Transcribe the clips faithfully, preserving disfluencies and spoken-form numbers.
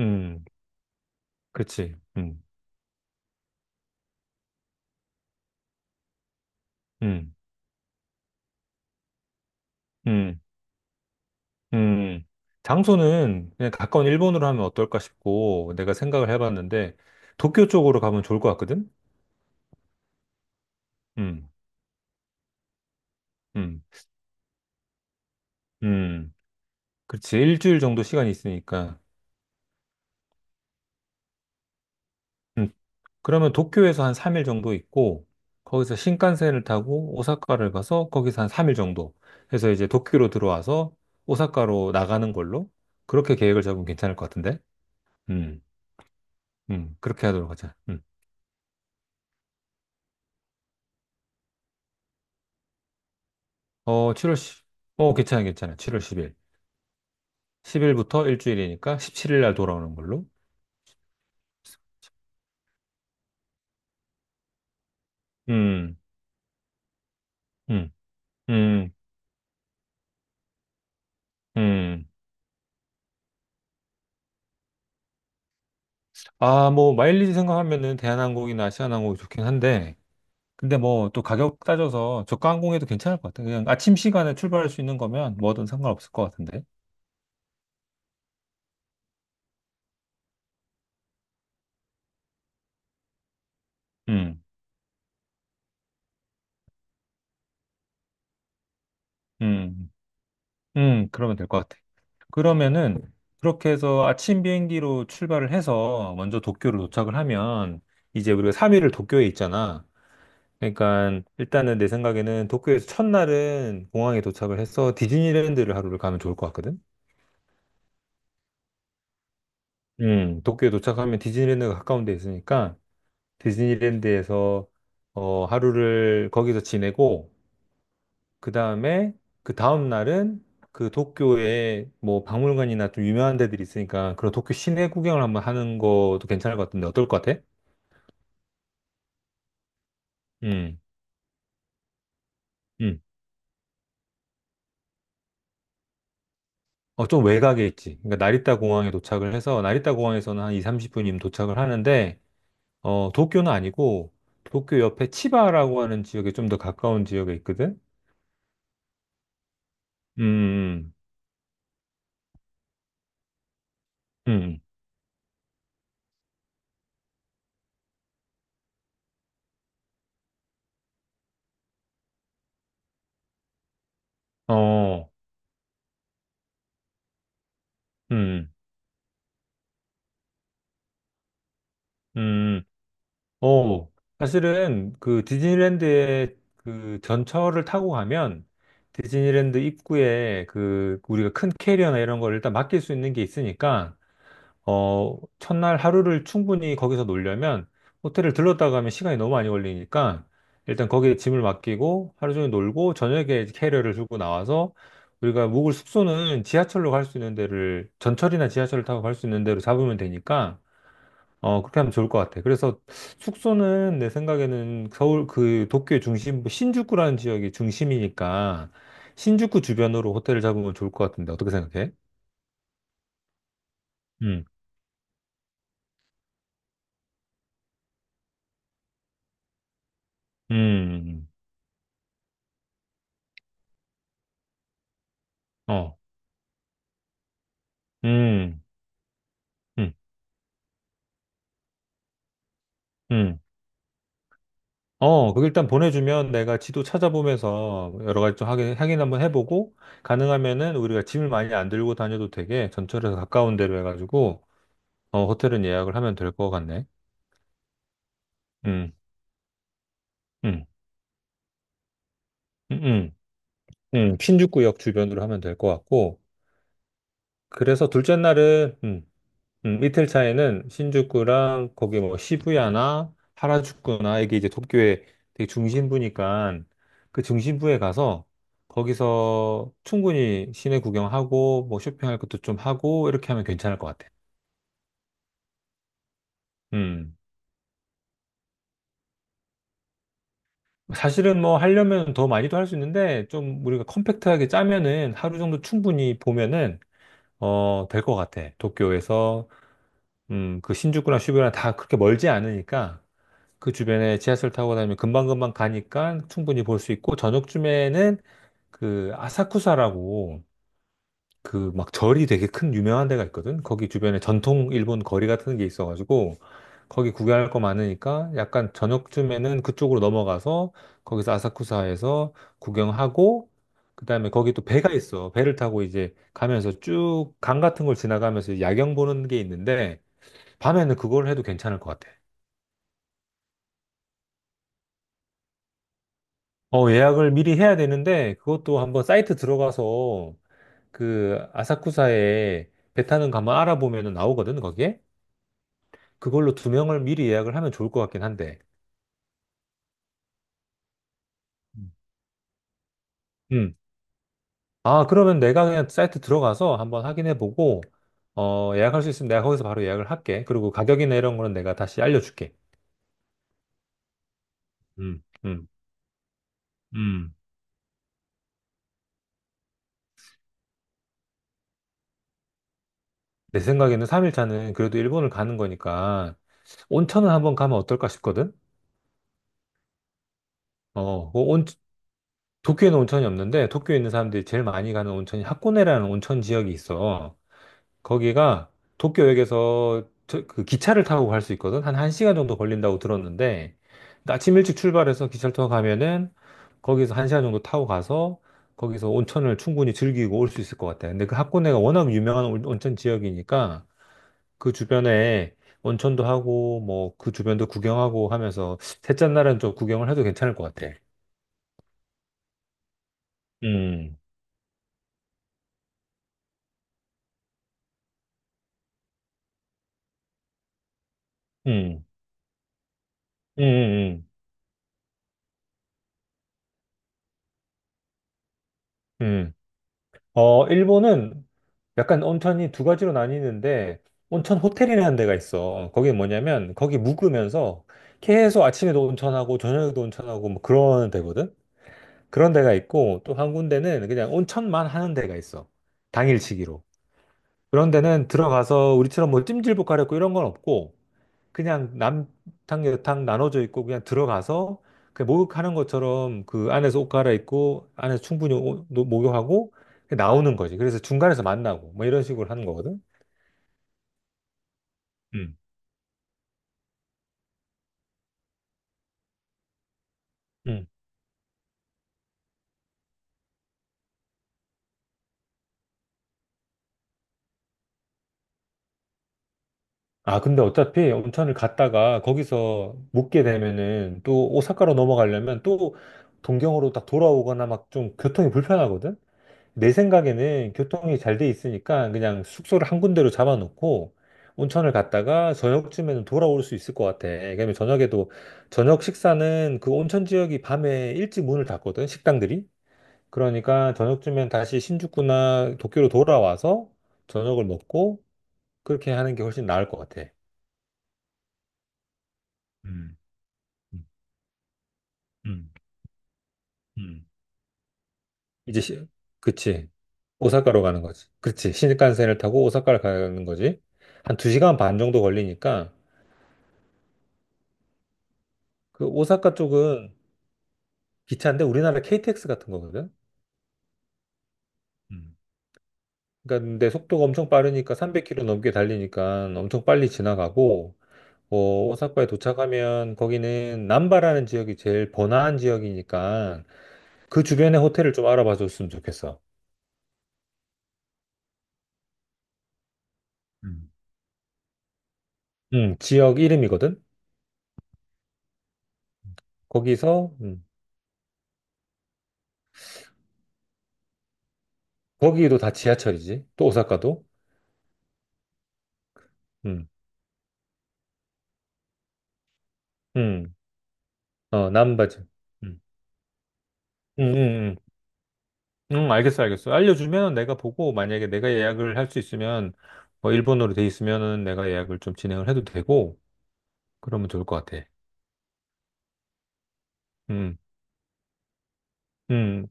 음, 그치. 음, 음, 음, 음. 장소는 그냥 가까운 일본으로 하면 어떨까 싶고, 내가 생각을 해봤는데, 도쿄 쪽으로 가면 좋을 것 같거든? 음, 음, 음. 그렇지. 일주일 정도 시간이 있으니까. 음, 그러면 도쿄에서 한 삼 일 정도 있고, 거기서 신칸센을 타고 오사카를 가서 거기서 한 삼 일 정도 해서 이제 도쿄로 들어와서 오사카로 나가는 걸로 그렇게 계획을 잡으면 괜찮을 것 같은데? 음, 음, 그렇게 하도록 하자. 음. 어, 칠월 십 어, 괜찮아, 괜찮아. 칠월 십 일. 십 일부터 일주일이니까 십칠 일 날 돌아오는 걸로. 음, 음, 음, 음. 아, 뭐, 마일리지 생각하면은 대한항공이나 아시아나항공이 좋긴 한데, 근데 뭐, 또 가격 따져서 저가 항공에도 괜찮을 것 같아. 그냥 아침 시간에 출발할 수 있는 거면 뭐든 상관없을 것 같은데. 음, 음, 음, 그러면 될 것 같아. 그러면은, 그렇게 해서 아침 비행기로 출발을 해서 먼저 도쿄를 도착을 하면, 이제 우리가 삼 일을 도쿄에 있잖아. 그러니까 일단은 내 생각에는 도쿄에서 첫날은 공항에 도착을 해서 디즈니랜드를 하루를 가면 좋을 것 같거든. 음, 도쿄에 도착하면 디즈니랜드가 가까운 데 있으니까 디즈니랜드에서 어, 하루를 거기서 지내고 그 다음에 그 다음 날은 그 도쿄에 뭐 박물관이나 좀 유명한 데들이 있으니까 그런 도쿄 시내 구경을 한번 하는 것도 괜찮을 것 같은데 어떨 것 같아? 음, 음. 어, 좀 외곽에 있지. 그러니까 나리타 공항에 도착을 해서 나리타 공항에서는 한 이, 삼십 분이면 도착을 하는데 어, 도쿄는 아니고, 도쿄 옆에 치바라고 하는 지역에 좀 더 가까운 지역에 있거든? 음, 음, 음. 음. 어, 음, 음, 어. 사실은 그 디즈니랜드에 그 전철을 타고 가면 디즈니랜드 입구에 그 우리가 큰 캐리어나 이런 걸 일단 맡길 수 있는 게 있으니까 어, 첫날 하루를 충분히 거기서 놀려면 호텔을 들렀다 가면 시간이 너무 많이 걸리니까 일단 거기에 짐을 맡기고 하루 종일 놀고 저녁에 캐리어를 들고 나와서 우리가 묵을 숙소는 지하철로 갈 수 있는 데를 전철이나 지하철을 타고 갈 수 있는 데로 잡으면 되니까 어, 그렇게 하면 좋을 것 같아. 그래서 숙소는 내 생각에는 서울 그 도쿄의 중심부 신주쿠라는 지역이 중심이니까 신주쿠 주변으로 호텔을 잡으면 좋을 것 같은데 어떻게 생각해? 음, 음, 음. 어, 음. 음, 음. 어, 그 일단 보내주면 내가 지도 찾아보면서 여러 가지 좀 확인, 확인 한번 해보고, 가능하면은 우리가 짐을 많이 안 들고 다녀도 되게 전철에서 가까운 데로 해가지고, 어, 호텔은 예약을 하면 될 것 같네. 음, 음, 음, 음, 음. 신주쿠역 주변으로 하면 될 것 같고, 그래서 둘째 날은, 음, 음, 이틀 차에는 신주쿠랑 거기 뭐 시부야나 하라주쿠나 이게 이제 도쿄의 되게 중심부니까 그 중심부에 가서 거기서 충분히 시내 구경하고 뭐 쇼핑할 것도 좀 하고 이렇게 하면 괜찮을 것 같아. 음. 사실은 뭐 하려면 더 많이도 할 수 있는데 좀 우리가 컴팩트하게 짜면은 하루 정도 충분히 보면은 어, 될 것 같아. 도쿄에서 음, 그 신주쿠랑 시부야나 다 그렇게 멀지 않으니까 그 주변에 지하철 타고 다니면 금방금방 가니까 충분히 볼 수 있고 저녁쯤에는 그 아사쿠사라고 그 막 절이 되게 큰 유명한 데가 있거든. 거기 주변에 전통 일본 거리 같은 게 있어가지고 거기 구경할 거 많으니까 약간 저녁쯤에는 그쪽으로 넘어가서 거기서 아사쿠사에서 구경하고 그다음에 거기 또 배가 있어. 배를 타고 이제 가면서 쭉 강 같은 걸 지나가면서 야경 보는 게 있는데 밤에는 그걸 해도 괜찮을 것 같아. 어, 예약을 미리 해야 되는데 그것도 한번 사이트 들어가서 그 아사쿠사에 배 타는 거 한번 알아보면 나오거든, 거기에. 그걸로 두 명을 미리 예약을 하면 좋을 것 같긴 한데. 음. 음. 아, 그러면 내가 그냥 사이트 들어가서 한번 확인해 보고 어, 예약할 수 있으면 내가 거기서 바로 예약을 할게. 그리고 가격이나 이런 거는 내가 다시 알려줄게. 음. 음. 음. 내 생각에는 삼 일 차는 그래도 일본을 가는 거니까 온천을 한번 가면 어떨까 싶거든. 어, 도쿄에는 온천이 없는데 도쿄에 있는 사람들이 제일 많이 가는 온천이 하코네라는 온천 지역이 있어. 거기가 도쿄역에서 저- 그 기차를 타고 갈 수 있거든. 한 1시간 정도 걸린다고 들었는데 아침 일찍 출발해서 기차를 타고 가면은 거기서 한 시간 정도 타고 가서 거기서 온천을 충분히 즐기고 올 수 있을 것 같아. 근데 그 하코네가 워낙 유명한 온- 온천 지역이니까 그 주변에 온천도 하고 뭐 그 주변도 구경하고 하면서 셋째 날은 좀 구경을 해도 괜찮을 것 같아. 음, 음, 음, 음. 음. 음. 어, 일본은 약간 온천이 두 가지로 나뉘는데, 온천 호텔이라는 데가 있어. 어, 거기 뭐냐면, 거기 묵으면서 계속 아침에도 온천하고, 저녁에도 온천하고, 뭐 그런 데거든? 그런 데가 있고, 또 한 군데는 그냥 온천만 하는 데가 있어. 당일치기로. 그런 데는 들어가서 우리처럼 뭐 찜질복 가렵고 이런 건 없고, 그냥 남탕 여탕 나눠져 있고 그냥 들어가서 그 목욕하는 것처럼 그 안에서 옷 갈아입고 안에서 충분히 옷- 노- 목욕하고 나오는 거지. 그래서 중간에서 만나고 뭐 이런 식으로 하는 거거든. 음. 음. 아, 근데 어차피 온천을 갔다가 거기서 묵게 되면은 또 오사카로 넘어가려면 또 동경으로 딱 돌아오거나 막 좀 교통이 불편하거든. 내 생각에는 교통이 잘 돼 있으니까 그냥 숙소를 한 군데로 잡아놓고 온천을 갔다가 저녁쯤에는 돌아올 수 있을 것 같아. 그러면 저녁에도 저녁 식사는 그 온천 지역이 밤에 일찍 문을 닫거든, 식당들이. 그러니까 저녁쯤엔 다시 신주쿠나 도쿄로 돌아와서 저녁을 먹고 그렇게 하는 게 훨씬 나을 것 같아. 음, 음, 음, 음. 이제 시, 그치. 오사카로 가는 거지. 그치. 신칸센을 타고 오사카를 가는 거지. 한 두 시간 반 정도 걸리니까 그 오사카 쪽은 기차인데 우리나라 케이티엑스 같은 거거든. 음. 그러니까 근데 속도가 엄청 빠르니까 삼백 킬로미터 넘게 달리니까 엄청 빨리 지나가고 어, 오사카에 도착하면 거기는 남바라는 지역이 제일 번화한 지역이니까 그 주변에 호텔을 좀 알아봐 줬으면 좋겠어. 음. 음, 지역 이름이거든. 거기서 음, 거기도 다 지하철이지. 또 오사카도. 음, 음, 어, 남바지. 음, 음, 음, 음. 응, 알겠어, 알겠어. 알려주면 내가 보고, 만약에 내가 예약을 할 수 있으면, 뭐, 일본어로 돼 있으면은 내가 예약을 좀 진행을 해도 되고, 그러면 좋을 것 같아. 음, 음,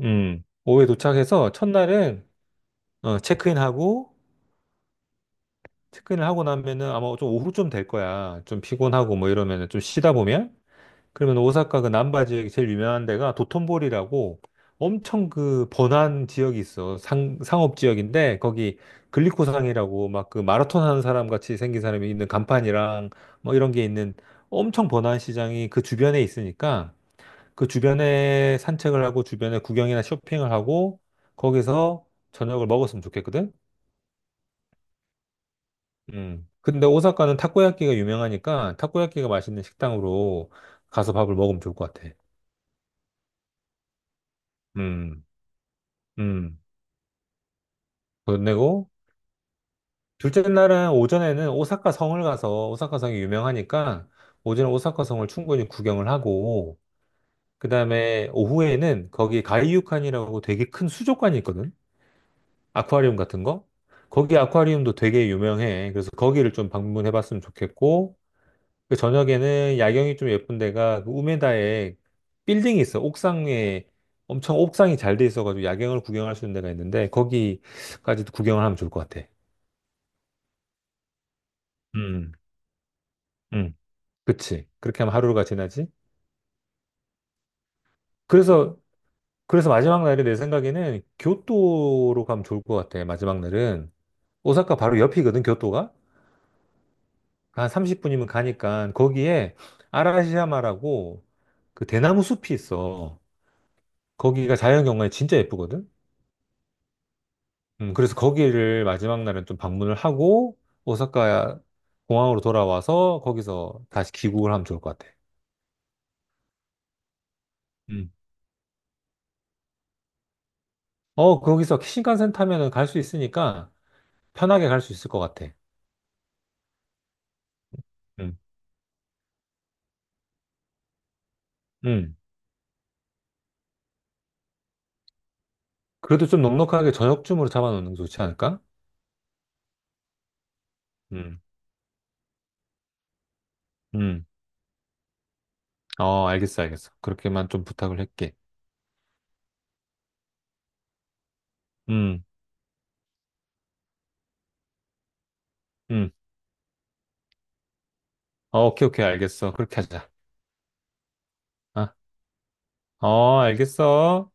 음. 오후에 도착해서 첫날은, 어, 체크인하고, 체크인을 하고 나면은 아마 좀 오후쯤 될 거야. 좀 피곤하고 뭐 이러면은 좀 쉬다 보면, 그러면 오사카 그 남바 지역이 제일 유명한 데가 도톤보리라고 엄청 그 번화한 지역이 있어. 상, 상업 지역인데 거기 글리코상이라고 막 그 마라톤 하는 사람 같이 생긴 사람이 있는 간판이랑 뭐 이런 게 있는 엄청 번화한 시장이 그 주변에 있으니까 그 주변에 산책을 하고 주변에 구경이나 쇼핑을 하고 거기서 저녁을 먹었으면 좋겠거든. 음. 근데 오사카는 타코야끼가 유명하니까 타코야끼가 맛있는 식당으로 가서 밥을 먹으면 좋을 것 같아. 음. 음. 돈 내고 둘째 날은 오전에는 오사카 성을 가서 오사카 성이 유명하니까 오전에 오사카 성을 충분히 구경을 하고 그다음에 오후에는 거기 가이유칸이라고 되게 큰 수족관이 있거든. 아쿠아리움 같은 거. 거기 아쿠아리움도 되게 유명해. 그래서 거기를 좀 방문해 봤으면 좋겠고 그 저녁에는 야경이 좀 예쁜 데가 그 우메다에 빌딩이 있어. 옥상에 엄청 옥상이 잘 돼 있어가지고 야경을 구경할 수 있는 데가 있는데 거기까지도 구경을 하면 좋을 것 같아. 음. 음. 그치. 그렇게 하면 하루가 지나지. 그래서, 그래서 마지막 날에 내 생각에는 교토로 가면 좋을 것 같아. 마지막 날은. 오사카 바로 옆이거든, 교토가. 한 삼십 분이면 가니까 거기에 아라시야마라고 그 대나무 숲이 있어. 거기가 자연경관이 진짜 예쁘거든. 음, 그래서 거기를 마지막 날은 좀 방문을 하고 오사카 공항으로 돌아와서 거기서 다시 귀국을 하면 좋을 것 같아. 음. 어, 거기서 신칸센 타면은 갈 수 있으니까 편하게 갈 수 있을 것 같아. 음. 음. 그래도 좀 넉넉하게 저녁쯤으로 잡아놓는 게 좋지 않을까? 음. 음. 어, 알겠어, 알겠어. 그렇게만 좀 부탁을 할게. 음. 음. 어, 오케이, 오케이, 알겠어. 그렇게 하자. 아, 어, 알겠어.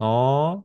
어.